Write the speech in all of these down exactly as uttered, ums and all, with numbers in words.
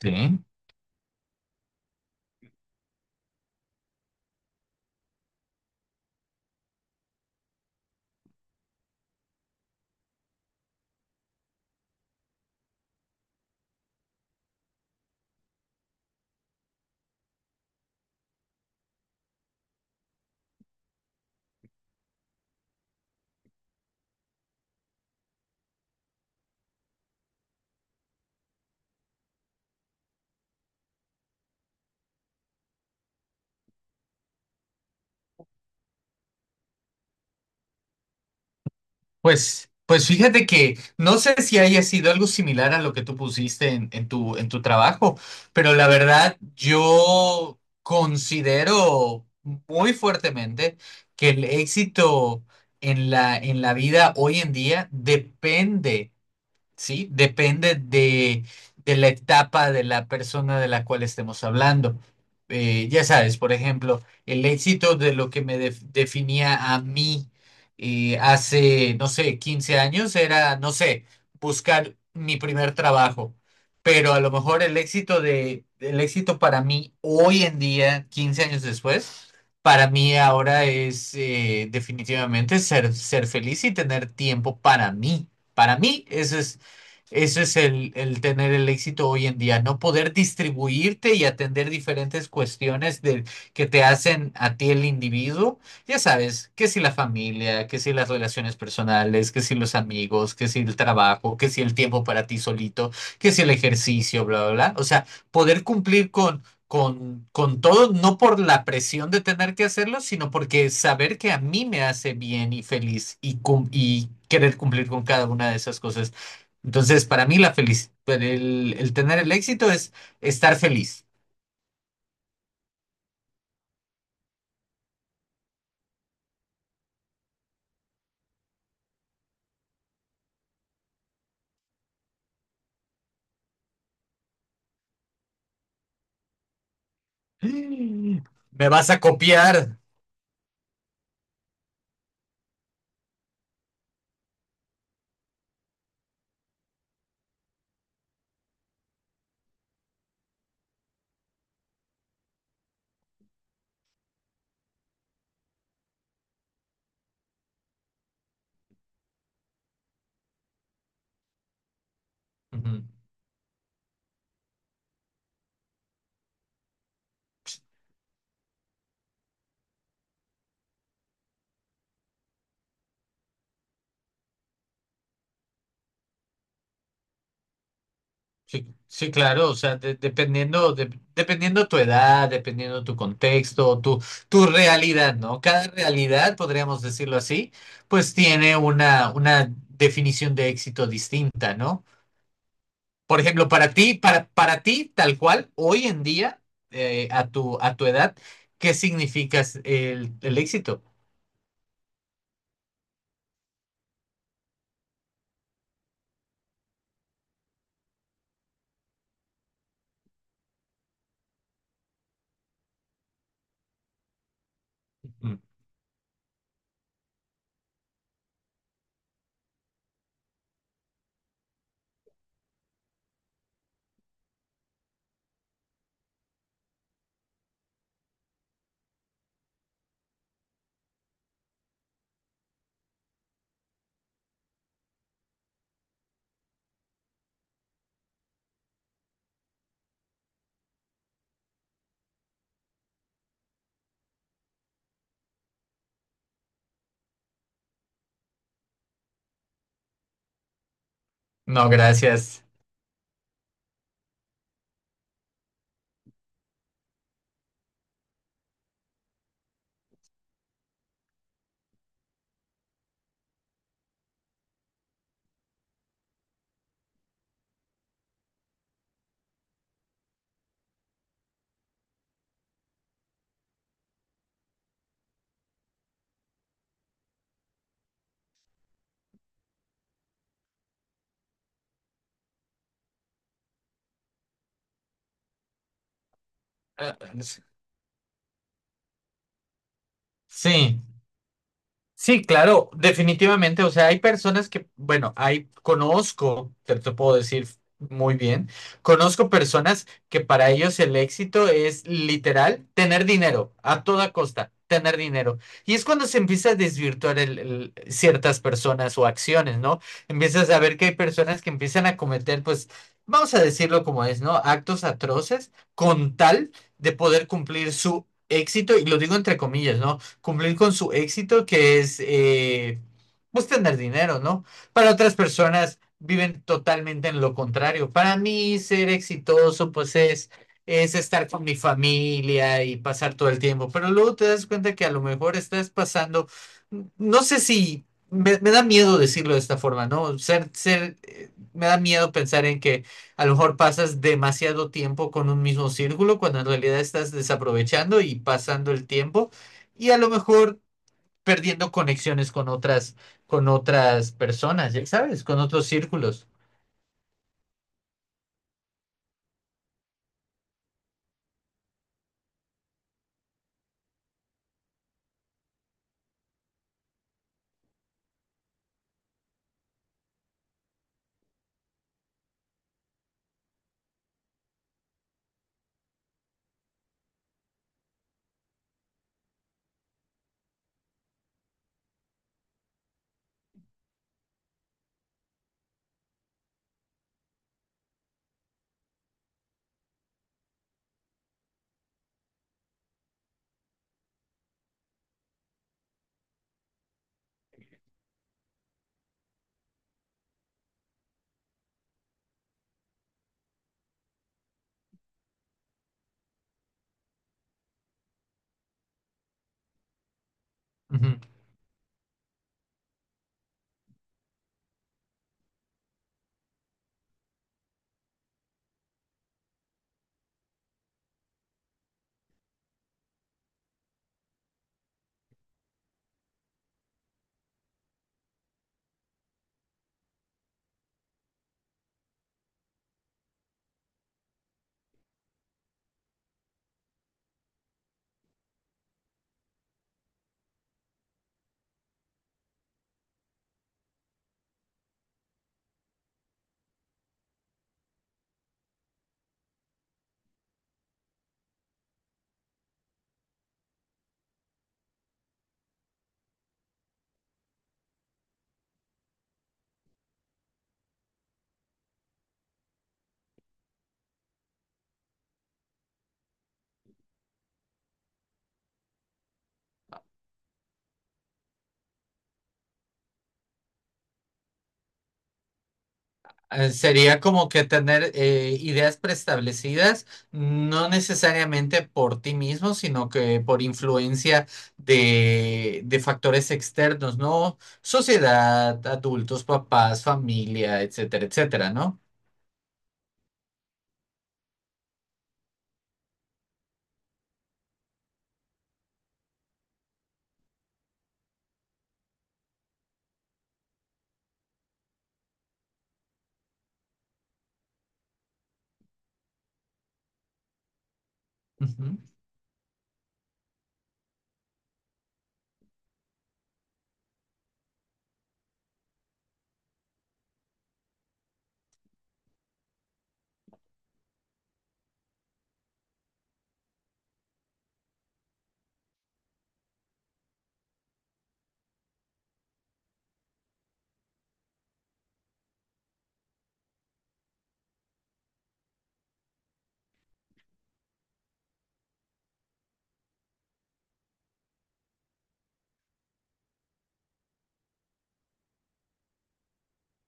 Sí, pues, pues fíjate que no sé si haya sido algo similar a lo que tú pusiste en, en tu, en tu trabajo, pero la verdad yo considero muy fuertemente que el éxito en la, en la vida hoy en día depende, ¿sí? Depende de, de la etapa de la persona de la cual estemos hablando. Eh, ya sabes, por ejemplo, el éxito de lo que me def- definía a mí eh, hace, no sé, quince años era, no sé, buscar mi primer trabajo. Pero a lo mejor el éxito de, el éxito para mí hoy en día, quince años después, para mí ahora es eh, definitivamente ser, ser feliz y tener tiempo para mí. Para mí, eso es, eso es el, el tener el éxito hoy en día, no poder distribuirte y atender diferentes cuestiones de, que te hacen a ti el individuo. Ya sabes, que si la familia, que si las relaciones personales, que si los amigos, que si el trabajo, que si el tiempo para ti solito, que si el ejercicio, bla, bla, bla. O sea, poder cumplir con, con, con todo, no por la presión de tener que hacerlo, sino porque saber que a mí me hace bien y feliz y, cum- y querer cumplir con cada una de esas cosas. Entonces, para mí la felicidad, el, el tener el éxito es estar feliz. ¿Me vas a copiar? Ujú. Sí, sí, claro, o sea, de- dependiendo, de- dependiendo tu edad, dependiendo tu contexto, tu, tu realidad, ¿no? Cada realidad, podríamos decirlo así, pues tiene una, una definición de éxito distinta, ¿no? Por ejemplo, para ti, para, para ti, tal cual, hoy en día, eh, a tu, a tu edad, ¿qué significa el, el éxito? No, gracias. Eh, Sí, Sí, claro, definitivamente. O sea, hay personas que, bueno, hay, conozco, te, te puedo decir muy bien, conozco personas que para ellos el éxito es literal tener dinero, a toda costa, tener dinero. Y es cuando se empieza a desvirtuar el- el- ciertas personas o acciones, ¿no? Empiezas a ver que hay personas que empiezan a cometer, pues, vamos a decirlo como es, ¿no? Actos atroces con tal de poder cumplir su éxito, y lo digo entre comillas, ¿no? Cumplir con su éxito, que es eh, pues tener dinero, ¿no? Para otras personas viven totalmente en lo contrario. Para mí ser exitoso pues es, es estar con mi familia y pasar todo el tiempo, pero luego te das cuenta que a lo mejor estás pasando, no sé si... Me, me da miedo decirlo de esta forma, ¿no? Ser, ser, eh, me da miedo pensar en que a lo mejor pasas demasiado tiempo con un mismo círculo cuando en realidad estás desaprovechando y pasando el tiempo y a lo mejor perdiendo conexiones con otras, con otras personas, ya sabes, con otros círculos. Ujú. Eh, Sería como que tener eh, ideas preestablecidas, no necesariamente por ti mismo, sino que por influencia de, de factores externos, ¿no? Sociedad, adultos, papás, familia, etcétera, etcétera, ¿no? Ujú.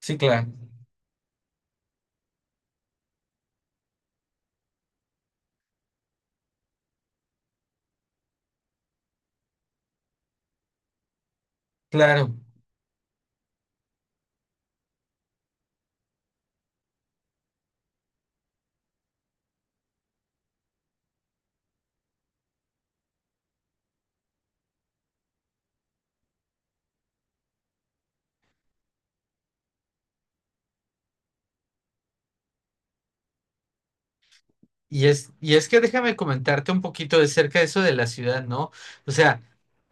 Sí, claro, claro. Y es, y es que déjame comentarte un poquito de cerca de eso de la ciudad, ¿no? O sea,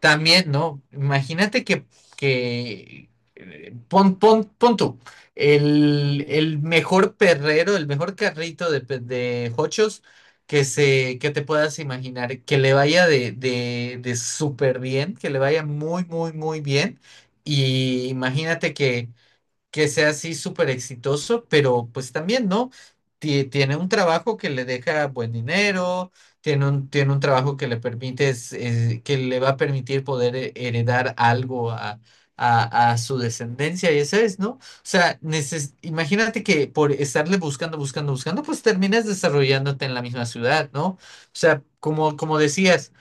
también, ¿no? Imagínate que, que eh, pon, pon, pon tú, el, el mejor perrero, el mejor carrito de, pe- de jochos que se, que te puedas imaginar, que le vaya de, de, de súper bien, que le vaya muy, muy, muy bien. Y imagínate que que sea así súper exitoso, pero pues también, ¿no? Ti- Tiene un trabajo que le deja buen dinero, tiene un, tiene un trabajo que le permite, es- es- que le va a permitir poder he- heredar algo a, a- a su descendencia, y eso es, ¿no? O sea, neces- imagínate que por estarle buscando, buscando, buscando, pues terminas desarrollándote en la misma ciudad, ¿no? O sea, como, como decías.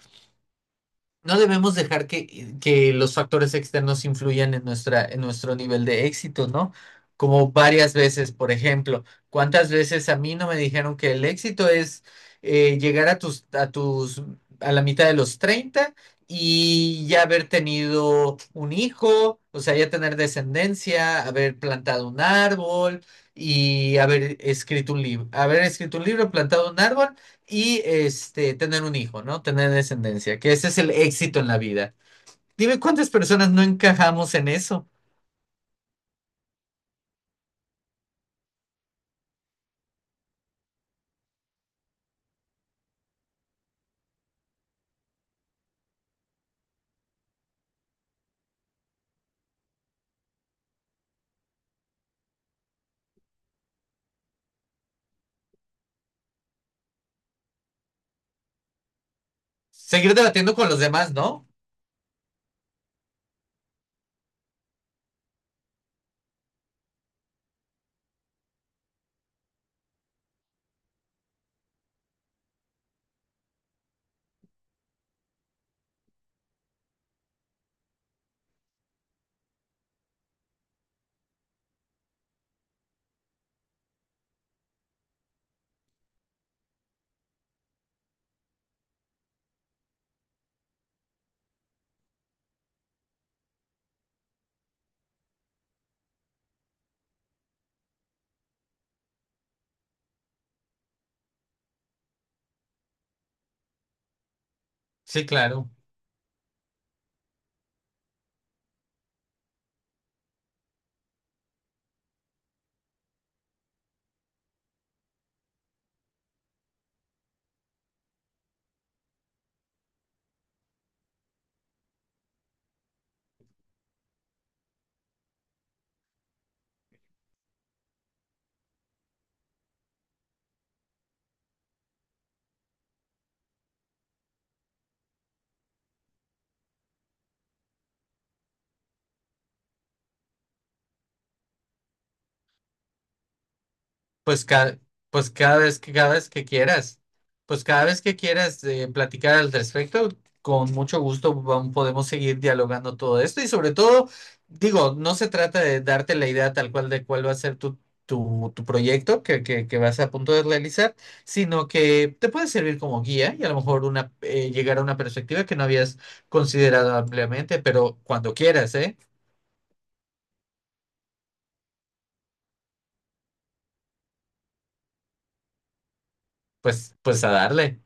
No debemos dejar que, que los factores externos influyan en nuestra, en nuestro nivel de éxito, ¿no? Como varias veces, por ejemplo, ¿cuántas veces a mí no me dijeron que el éxito es eh, llegar a tus, a tus, a la mitad de los treinta y ya haber tenido un hijo, o sea, ya tener descendencia, haber plantado un árbol y haber escrito un libro, haber escrito un libro, plantado un árbol y este, tener un hijo, ¿no? Tener descendencia, que ese es el éxito en la vida. Dime cuántas personas no encajamos en eso. Seguir debatiendo con los demás, ¿no? Sí, claro. Pues cada, pues cada vez que cada vez que quieras, pues cada vez que quieras eh, platicar al respecto, con mucho gusto vam- podemos seguir dialogando todo esto y sobre todo, digo, no se trata de darte la idea tal cual de cuál va a ser tu, tu, tu proyecto que, que, que vas a punto de realizar, sino que te puede servir como guía y a lo mejor una, eh, llegar a una perspectiva que no habías considerado ampliamente, pero cuando quieras, ¿eh? Pues, pues a darle.